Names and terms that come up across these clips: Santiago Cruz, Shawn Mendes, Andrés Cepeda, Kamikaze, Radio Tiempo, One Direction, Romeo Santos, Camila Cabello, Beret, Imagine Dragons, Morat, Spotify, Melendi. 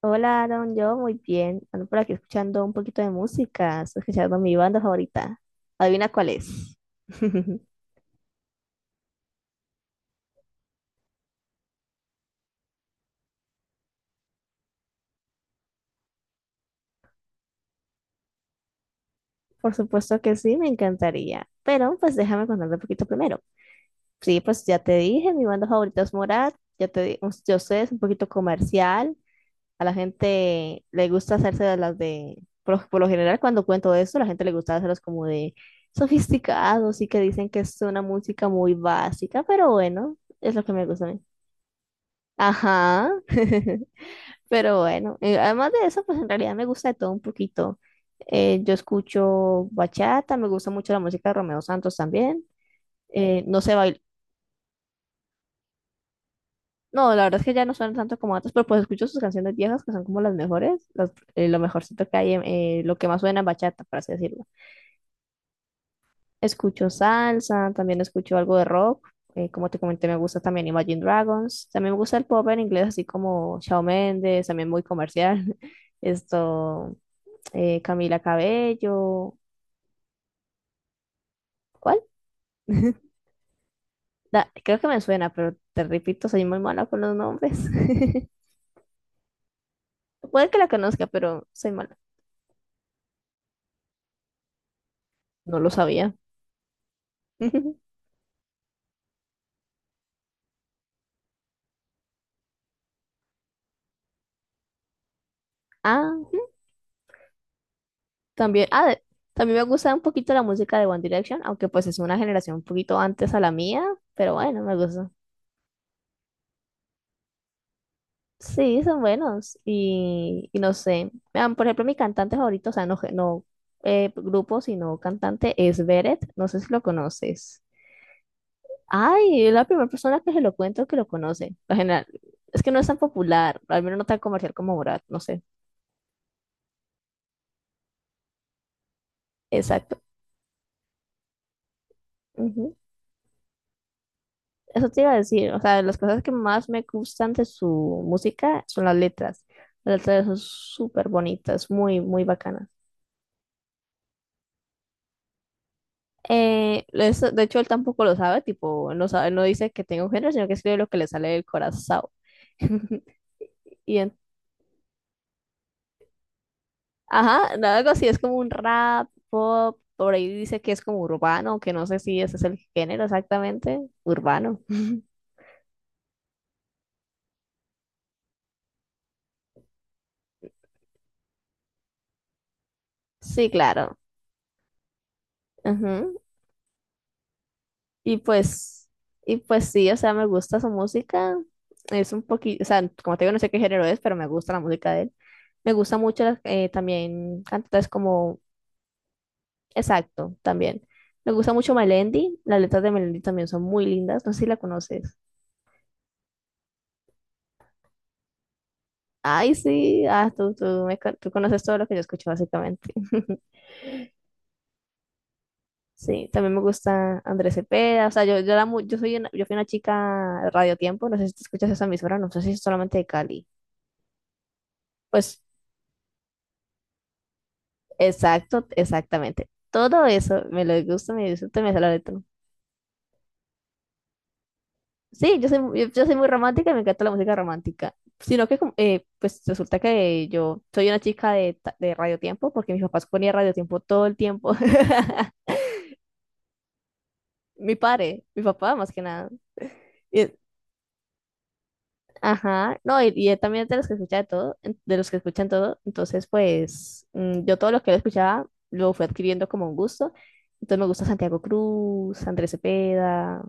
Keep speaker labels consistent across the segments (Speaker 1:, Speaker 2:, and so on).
Speaker 1: Hola, Aaron, yo muy bien. Ando por aquí escuchando un poquito de música. Estoy escuchando mi banda favorita. Adivina cuál es. Por supuesto que sí, me encantaría. Pero pues déjame contarte un poquito primero. Sí, pues ya te dije, mi banda favorita es Morat. Ya te di, yo sé, es un poquito comercial. A la gente le gusta hacerse de las de, por lo general cuando cuento eso, la gente le gusta hacerlos como de sofisticados y que dicen que es una música muy básica, pero bueno, es lo que me gusta a mí. Ajá, pero bueno, además de eso, pues en realidad me gusta de todo un poquito. Yo escucho bachata, me gusta mucho la música de Romeo Santos también. No sé no, la verdad es que ya no suenan tanto como antes, pero pues escucho sus canciones viejas que son como las mejores, lo mejorcito que hay, lo que más suena en bachata, por así decirlo. Escucho salsa, también escucho algo de rock, como te comenté, me gusta también Imagine Dragons, también me gusta el pop en inglés, así como Shawn Mendes, también muy comercial, esto, Camila Cabello, ¿cuál? Creo que me suena, pero te repito, soy muy mala con los nombres. Puede que la conozca, pero soy mala, no lo sabía. Ah. También, también me gusta un poquito la música de One Direction, aunque pues es una generación un poquito antes a la mía, pero bueno, me gusta. Sí, son buenos y no sé. Vean, por ejemplo, mi cantante favorito, o sea, no, no grupo, sino cantante, es Beret. No sé si lo conoces. Ay, es la primera persona que se lo cuento que lo conoce. Por general, es que no es tan popular, al menos no tan comercial como Morat, no sé. Exacto. Eso te iba a decir, o sea, las cosas que más me gustan de su música son las letras. Las letras son súper bonitas, muy, muy bacanas. De hecho, él tampoco lo sabe, tipo, no sabe, no dice que tenga un género, sino que escribe lo que le sale del corazón. Y en- ajá, no, algo así, es como un rap, pop, por ahí dice que es como urbano, que no sé si ese es el género exactamente, urbano. Sí, claro. Ujú. Y pues, y pues sí, o sea, me gusta su música. Es un poquito, o sea, como te digo, no sé qué género es, pero me gusta la música de él. Me gusta mucho también cantantes como, exacto, también. Me gusta mucho Melendi. Las letras de Melendi también son muy lindas. No sé si la conoces. Ay, sí, ah, tú conoces todo lo que yo escucho, básicamente. Sí, también me gusta Andrés Cepeda. O sea, era yo, soy una, yo fui una chica de Radio Tiempo. No sé si te escuchas esa emisora, no sé si es solamente de Cali. Pues exacto, exactamente. Todo eso me lo gusta, me disfruto, y me sale la letra. Sí, yo soy, yo soy muy romántica, me encanta la música romántica. Sino que, pues resulta que yo soy una chica de, de Radio Tiempo, porque mis papás ponían Radio Tiempo todo el tiempo. Mi padre, mi papá más que nada. Y- ajá, no, y él también es de los que escucha de todo, de los que escuchan todo. Entonces, pues yo todo lo que él escuchaba lo fui adquiriendo como un gusto. Entonces me gusta Santiago Cruz, Andrés Cepeda,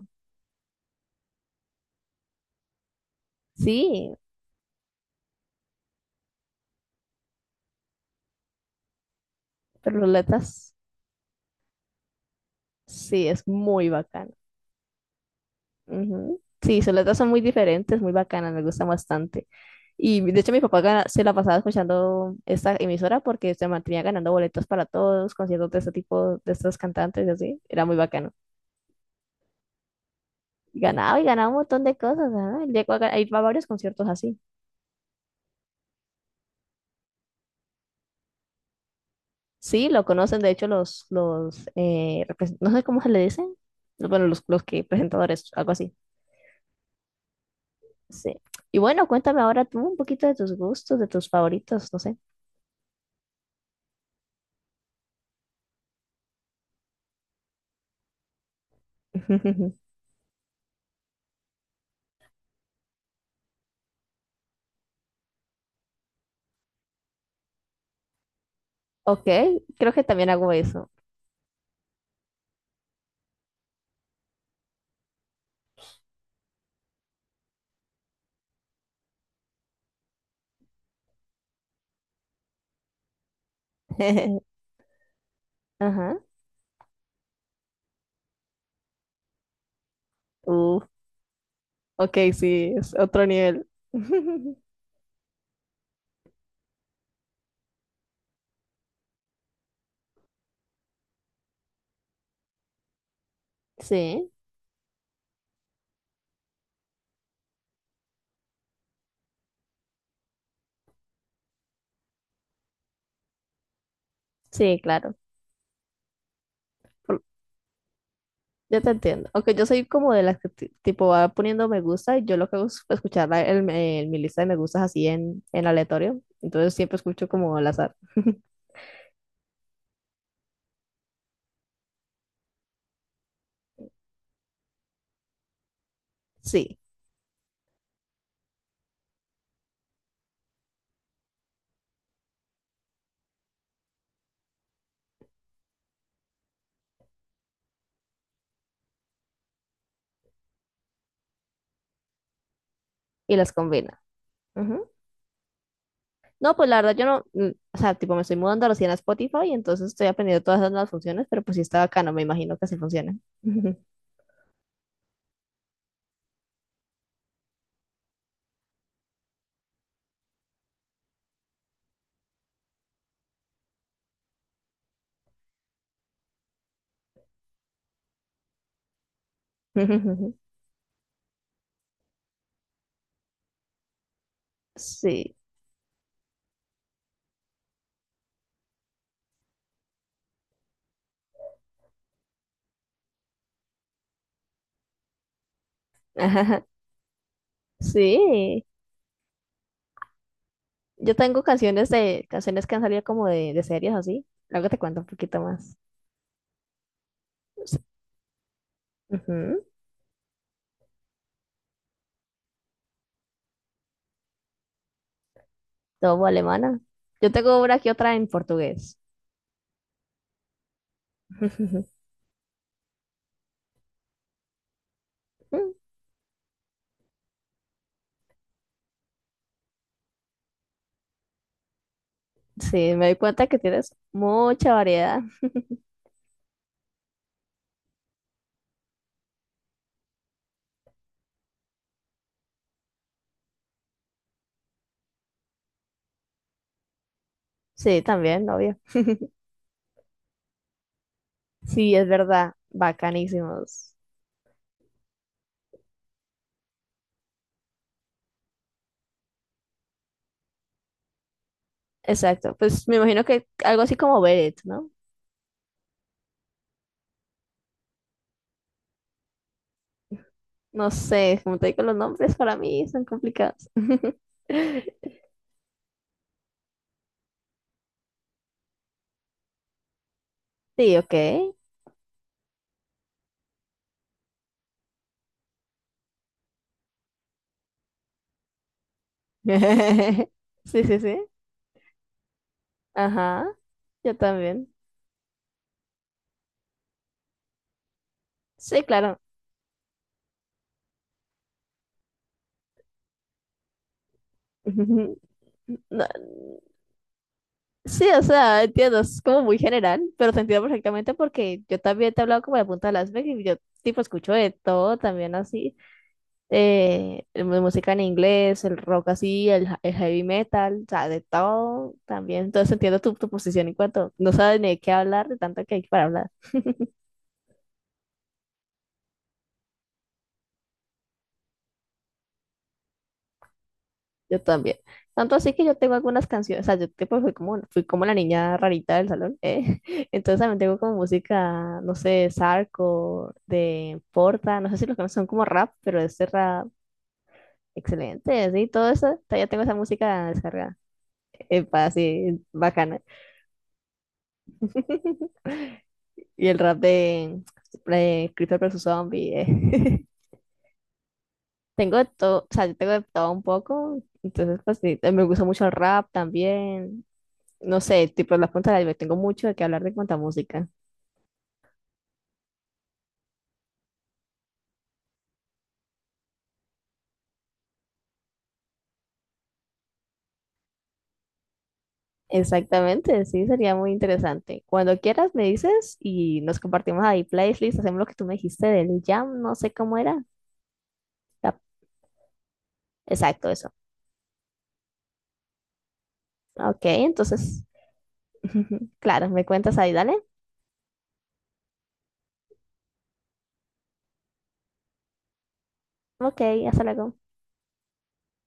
Speaker 1: sí, pero los latas sí, es muy bacano. Ujú. Sí, sus latas son muy diferentes, muy bacanas, me gustan bastante. Y de hecho mi papá se la pasaba escuchando esta emisora porque se mantenía ganando boletos para todos, conciertos de este tipo, de estos cantantes y así. Era muy bacano. Y ganaba y ganaba un montón de cosas. Ajá, llegó a, a ir a varios conciertos así. Sí, lo conocen, de hecho, los no sé cómo se le dicen. Bueno, los que presentadores, algo así. Sí. Y bueno, cuéntame ahora tú un poquito de tus gustos, de tus favoritos, no sé. Ok, creo que también hago eso. Ajá. Uh, ok, sí, es otro nivel. Sí, sí, claro. Por- Yo te entiendo. Aunque yo soy como de las que tipo va poniendo me gusta y yo lo que hago es escuchar mi lista de me gustas así en, aleatorio. Entonces siempre escucho como al azar. Sí. Y las combina. Ujú. No, pues la verdad yo no, o sea, tipo me estoy mudando recién a Spotify, entonces estoy aprendiendo todas las nuevas funciones, pero pues sí está bacano, me imagino que así funciona. Sí, sí. Yo tengo canciones de, canciones que han salido como de series así. Luego te cuento un poquito más. Sí. Ujú. Todo alemana. Yo tengo una aquí otra en portugués. Sí, me di cuenta que tienes mucha variedad. Sí, también, obvio. Sí, es verdad, bacanísimos. Exacto, pues me imagino que algo así como Beret, ¿no? No sé, como te digo, los nombres para mí son complicados. Sí, ok. Sí, sí, sí. Ajá, yo también. Sí, claro. No, sí, o sea, entiendo, es como muy general, pero te entiendo perfectamente porque yo también te he hablado como de la punta de las vegas y yo tipo escucho de todo también así, el música en inglés, el rock así, el, el heavy metal, o sea, de todo también, entonces entiendo tu posición en cuanto no sabes ni de qué hablar, de tanto que hay para hablar. Yo también. Tanto así que yo tengo algunas canciones, o sea, yo tipo fui como la niña rarita del salón, ¿eh? Entonces también tengo como música, no sé, Sarco, de Porta, no sé si los que son como rap, pero este rap excelente, sí, todo eso, todavía tengo esa música descargada, para así, bacana. Y el rap de, Creeper versus Zombie, Tengo de todo, o sea, yo tengo de todo un poco, entonces pues sí, me gusta mucho el rap también no sé, tipo las puntas del iceberg. Tengo mucho de qué hablar de cuánta música. Exactamente, sí, sería muy interesante. Cuando quieras me dices y nos compartimos ahí playlist, hacemos lo que tú me dijiste del jam, no sé cómo era. La- Exacto, eso. Ok, entonces, claro, me cuentas ahí, dale. Ok, hasta luego.